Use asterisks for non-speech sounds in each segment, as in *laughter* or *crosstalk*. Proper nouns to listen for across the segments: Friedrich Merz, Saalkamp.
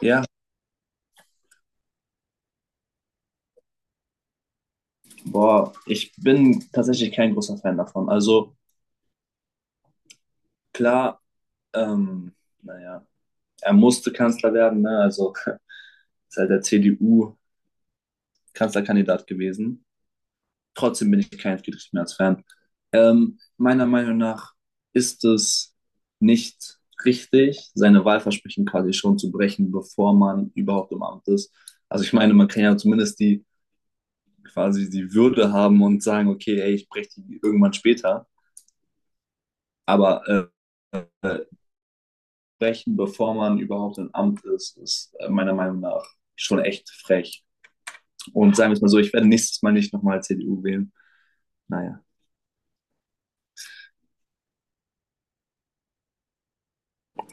Ja, boah, ich bin tatsächlich kein großer Fan davon. Also klar, ähm, naja, er musste Kanzler werden, ne? Also *laughs* ist halt der CDU Kanzlerkandidat gewesen. Trotzdem bin ich kein Friedrich Merz Fan. Meiner Meinung nach ist es nicht richtig, seine Wahlversprechen quasi schon zu brechen, bevor man überhaupt im Amt ist. Also ich meine, man kann ja zumindest die Würde haben und sagen, okay, ey, ich breche die irgendwann später. Aber äh, brechen, bevor man überhaupt im Amt ist, ist meiner Meinung nach schon echt frech. Und sagen wir es mal so, ich werde nächstes Mal nicht nochmal CDU wählen. Naja.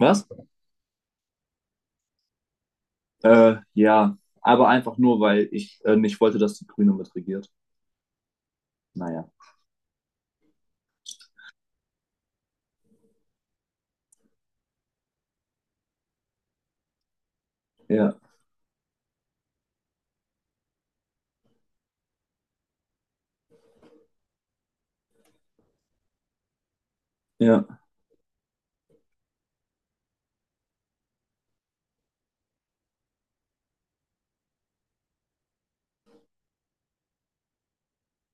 Was? Ja, aber einfach nur, weil ich nicht wollte, dass die Grüne mitregiert. Naja. Ja, ja,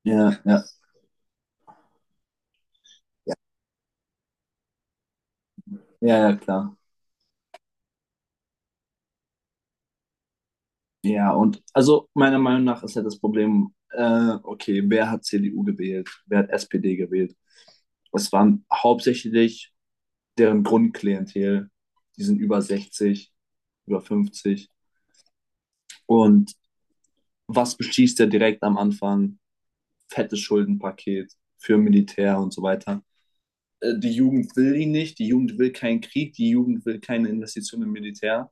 ja, ja, ja, ja, klar. Ja, und also meiner Meinung nach ist halt das Problem, okay, wer hat CDU gewählt? Wer hat SPD gewählt? Es waren hauptsächlich deren Grundklientel, die sind über 60, über 50. Und was beschließt er direkt am Anfang? Fettes Schuldenpaket für Militär und so weiter. Die Jugend will ihn nicht, die Jugend will keinen Krieg, die Jugend will keine Investition im Militär.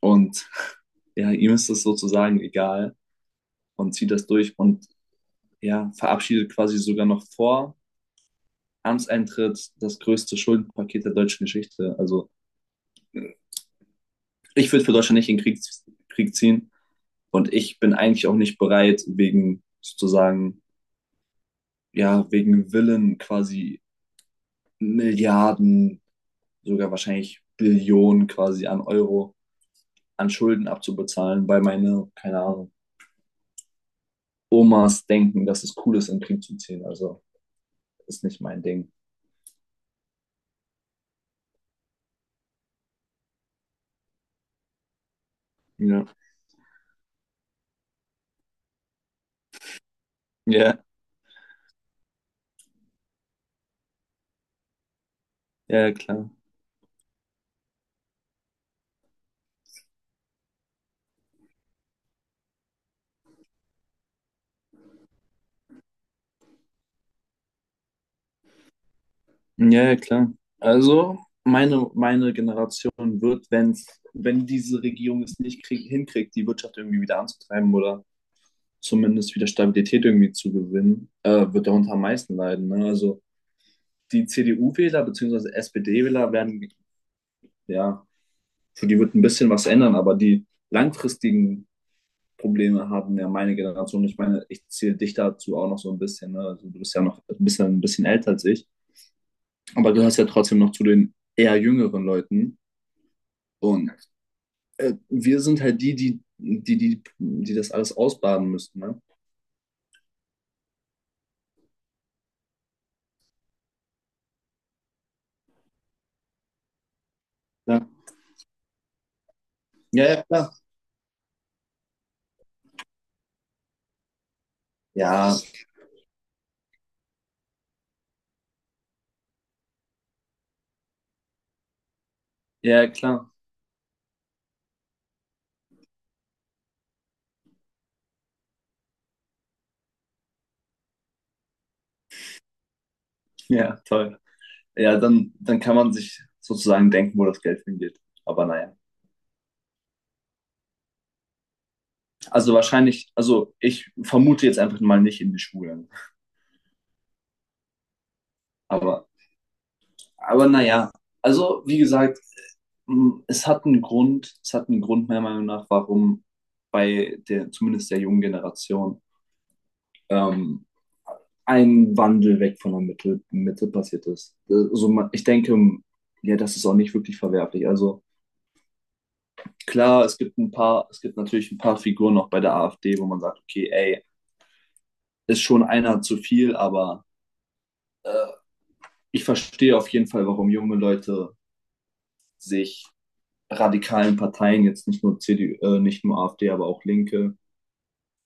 Und *laughs* ja, ihm ist das sozusagen egal und zieht das durch und ja, verabschiedet quasi sogar noch vor Amtseintritt das größte Schuldenpaket der deutschen Geschichte. Also ich würde für Deutschland nicht in den Krieg ziehen. Und ich bin eigentlich auch nicht bereit, wegen sozusagen, ja, wegen Willen quasi Milliarden, sogar wahrscheinlich Billionen quasi an Euro an Schulden abzubezahlen, weil meine, keine Ahnung, Omas denken, dass es cool ist, in den Krieg zu ziehen. Also ist nicht mein Ding. Ja, ja, ja, klar. Ja, ja, klar. Also meine Generation wird, wenn diese Regierung es nicht hinkriegt, die Wirtschaft irgendwie wieder anzutreiben oder zumindest wieder Stabilität irgendwie zu gewinnen, wird darunter am meisten leiden. Ne? Also die CDU-Wähler bzw. SPD-Wähler werden, ja, für die wird ein bisschen was ändern, aber die langfristigen Probleme haben ja meine Generation. Ich meine, ich zähle dich dazu auch noch so ein bisschen. Ne? Also du bist ja noch ein bisschen älter als ich, aber du gehörst ja trotzdem noch zu den eher jüngeren Leuten. Und wir sind halt die das alles ausbaden müssten. Ne? Ja. Ja, ja, klar. Ja, ja, klar. Ja, toll. Ja, dann kann man sich sozusagen denken, wo das Geld hingeht. Aber naja. Also wahrscheinlich, also ich vermute jetzt einfach mal nicht in die Schulen. Aber, aber naja, also wie gesagt, es hat einen Grund, es hat einen Grund meiner Meinung nach, warum bei der, zumindest der jungen Generation, ähm, ein Wandel weg von der Mitte passiert ist. Also ich denke, ja, das ist auch nicht wirklich verwerflich. Also klar, es gibt ein paar, es gibt natürlich ein paar Figuren auch bei der AfD, wo man sagt, okay, ey, ist schon einer zu viel, aber ich verstehe auf jeden Fall, warum junge Leute sich radikalen Parteien, jetzt nicht nur CDU, nicht nur AfD, aber auch Linke,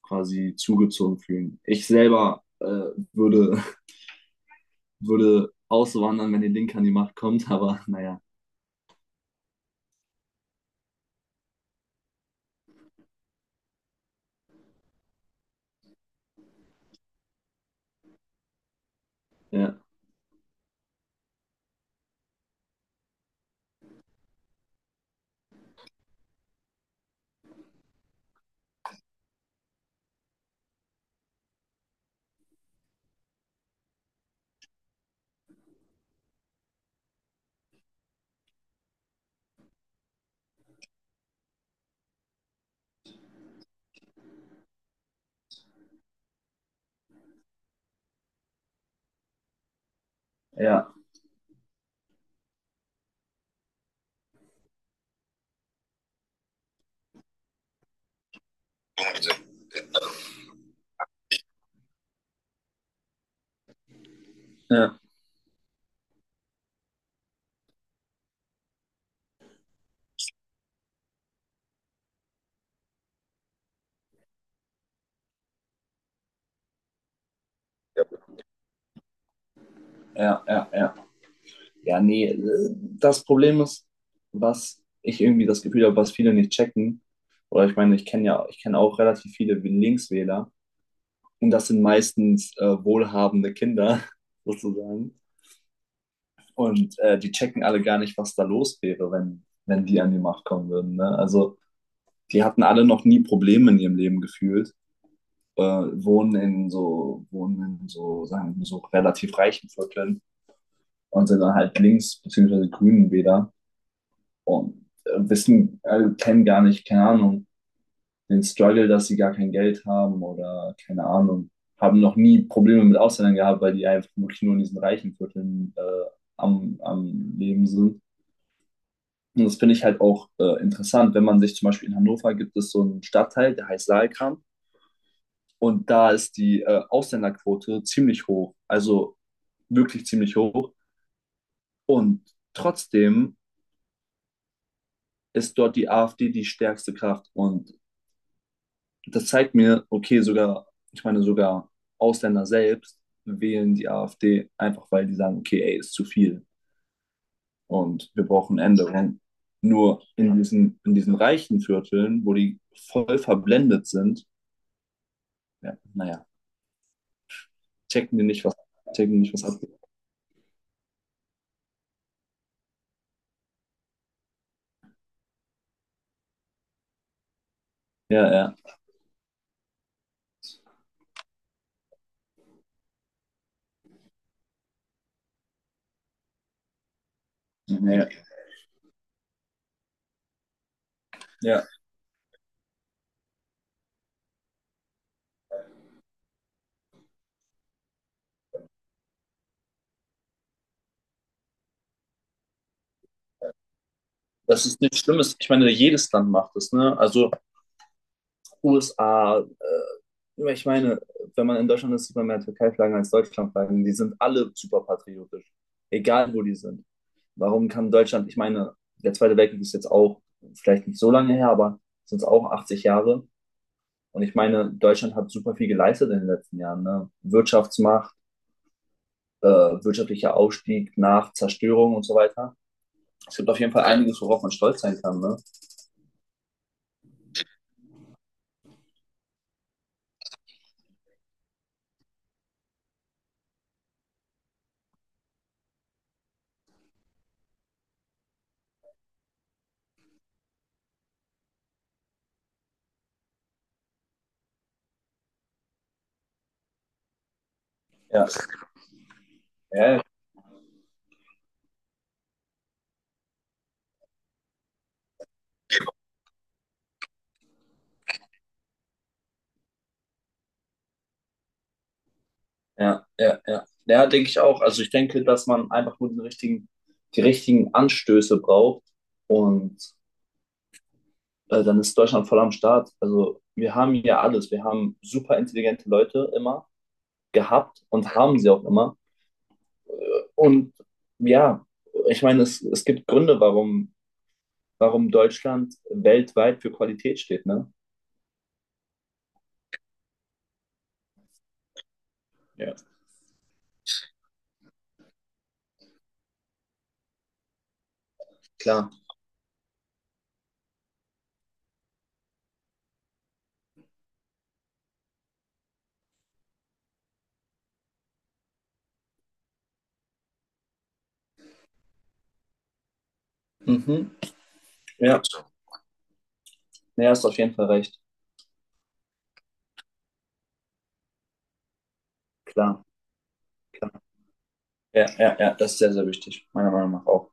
quasi zugezogen fühlen. Ich selber würde, *laughs* würde auswandern, wenn die Linke an die Macht kommt, aber *laughs* naja, ja, ja, ja, ja, ja, ja. Ja, nee, das Problem ist, was ich irgendwie das Gefühl habe, was viele nicht checken, oder ich meine, ich kenne ja, ich kenne auch relativ viele Linkswähler. Und das sind meistens wohlhabende Kinder *laughs* sozusagen. Und die checken alle gar nicht, was da los wäre, wenn die an die Macht kommen würden. Ne? Also die hatten alle noch nie Probleme in ihrem Leben gefühlt, wohnen in so, sagen wir, so relativ reichen Vierteln und sind dann halt links beziehungsweise grünen Wähler und kennen gar nicht, keine Ahnung, den Struggle, dass sie gar kein Geld haben oder keine Ahnung, haben noch nie Probleme mit Ausländern gehabt, weil die einfach wirklich nur in diesen reichen Vierteln am Leben sind. Und das finde ich halt auch interessant, wenn man sich zum Beispiel in Hannover gibt es so einen Stadtteil, der heißt Saalkamp. Und da ist die Ausländerquote ziemlich hoch, also wirklich ziemlich hoch. Und trotzdem ist dort die AfD die stärkste Kraft. Und das zeigt mir, okay, sogar, ich meine, sogar Ausländer selbst wählen die AfD einfach, weil die sagen, okay, ey, ist zu viel und wir brauchen Änderungen. Nur in diesen reichen Vierteln, wo die voll verblendet sind, ja, naja, checken die nicht, was, checken nicht, was abgeht. Ja, ja, ja, ja. Ja, das ist nichts Schlimmes. Ich meine, jedes Land macht es, ne? Also USA, ich meine, wenn man in Deutschland ist, sieht man mehr Türkei-Flaggen als Deutschland-Flaggen. Die sind alle super patriotisch, egal wo die sind. Warum kann Deutschland, ich meine, der Zweite Weltkrieg ist jetzt auch vielleicht nicht so lange her, aber sind es auch 80 Jahre. Und ich meine, Deutschland hat super viel geleistet in den letzten Jahren. Ne? Wirtschaftsmacht, wirtschaftlicher Aufstieg nach Zerstörung und so weiter. Es gibt auf jeden Fall einiges, worauf man stolz sein kann. Ne? Ja, ja, ja. Ja, ja, ja. Ja, denke ich auch. Also ich denke, dass man einfach nur die richtigen Anstöße braucht und dann ist Deutschland voll am Start. Also wir haben hier alles. Wir haben super intelligente Leute immer gehabt und haben sie auch immer. Und ja, ich meine, es gibt Gründe, warum Deutschland weltweit für Qualität steht, ne? Ja. Klar. Mhm. Ja, so. Ja, hast auf jeden Fall recht. Klar, klar. Ja, ja, ja, das ist sehr, sehr wichtig, meiner Meinung nach auch.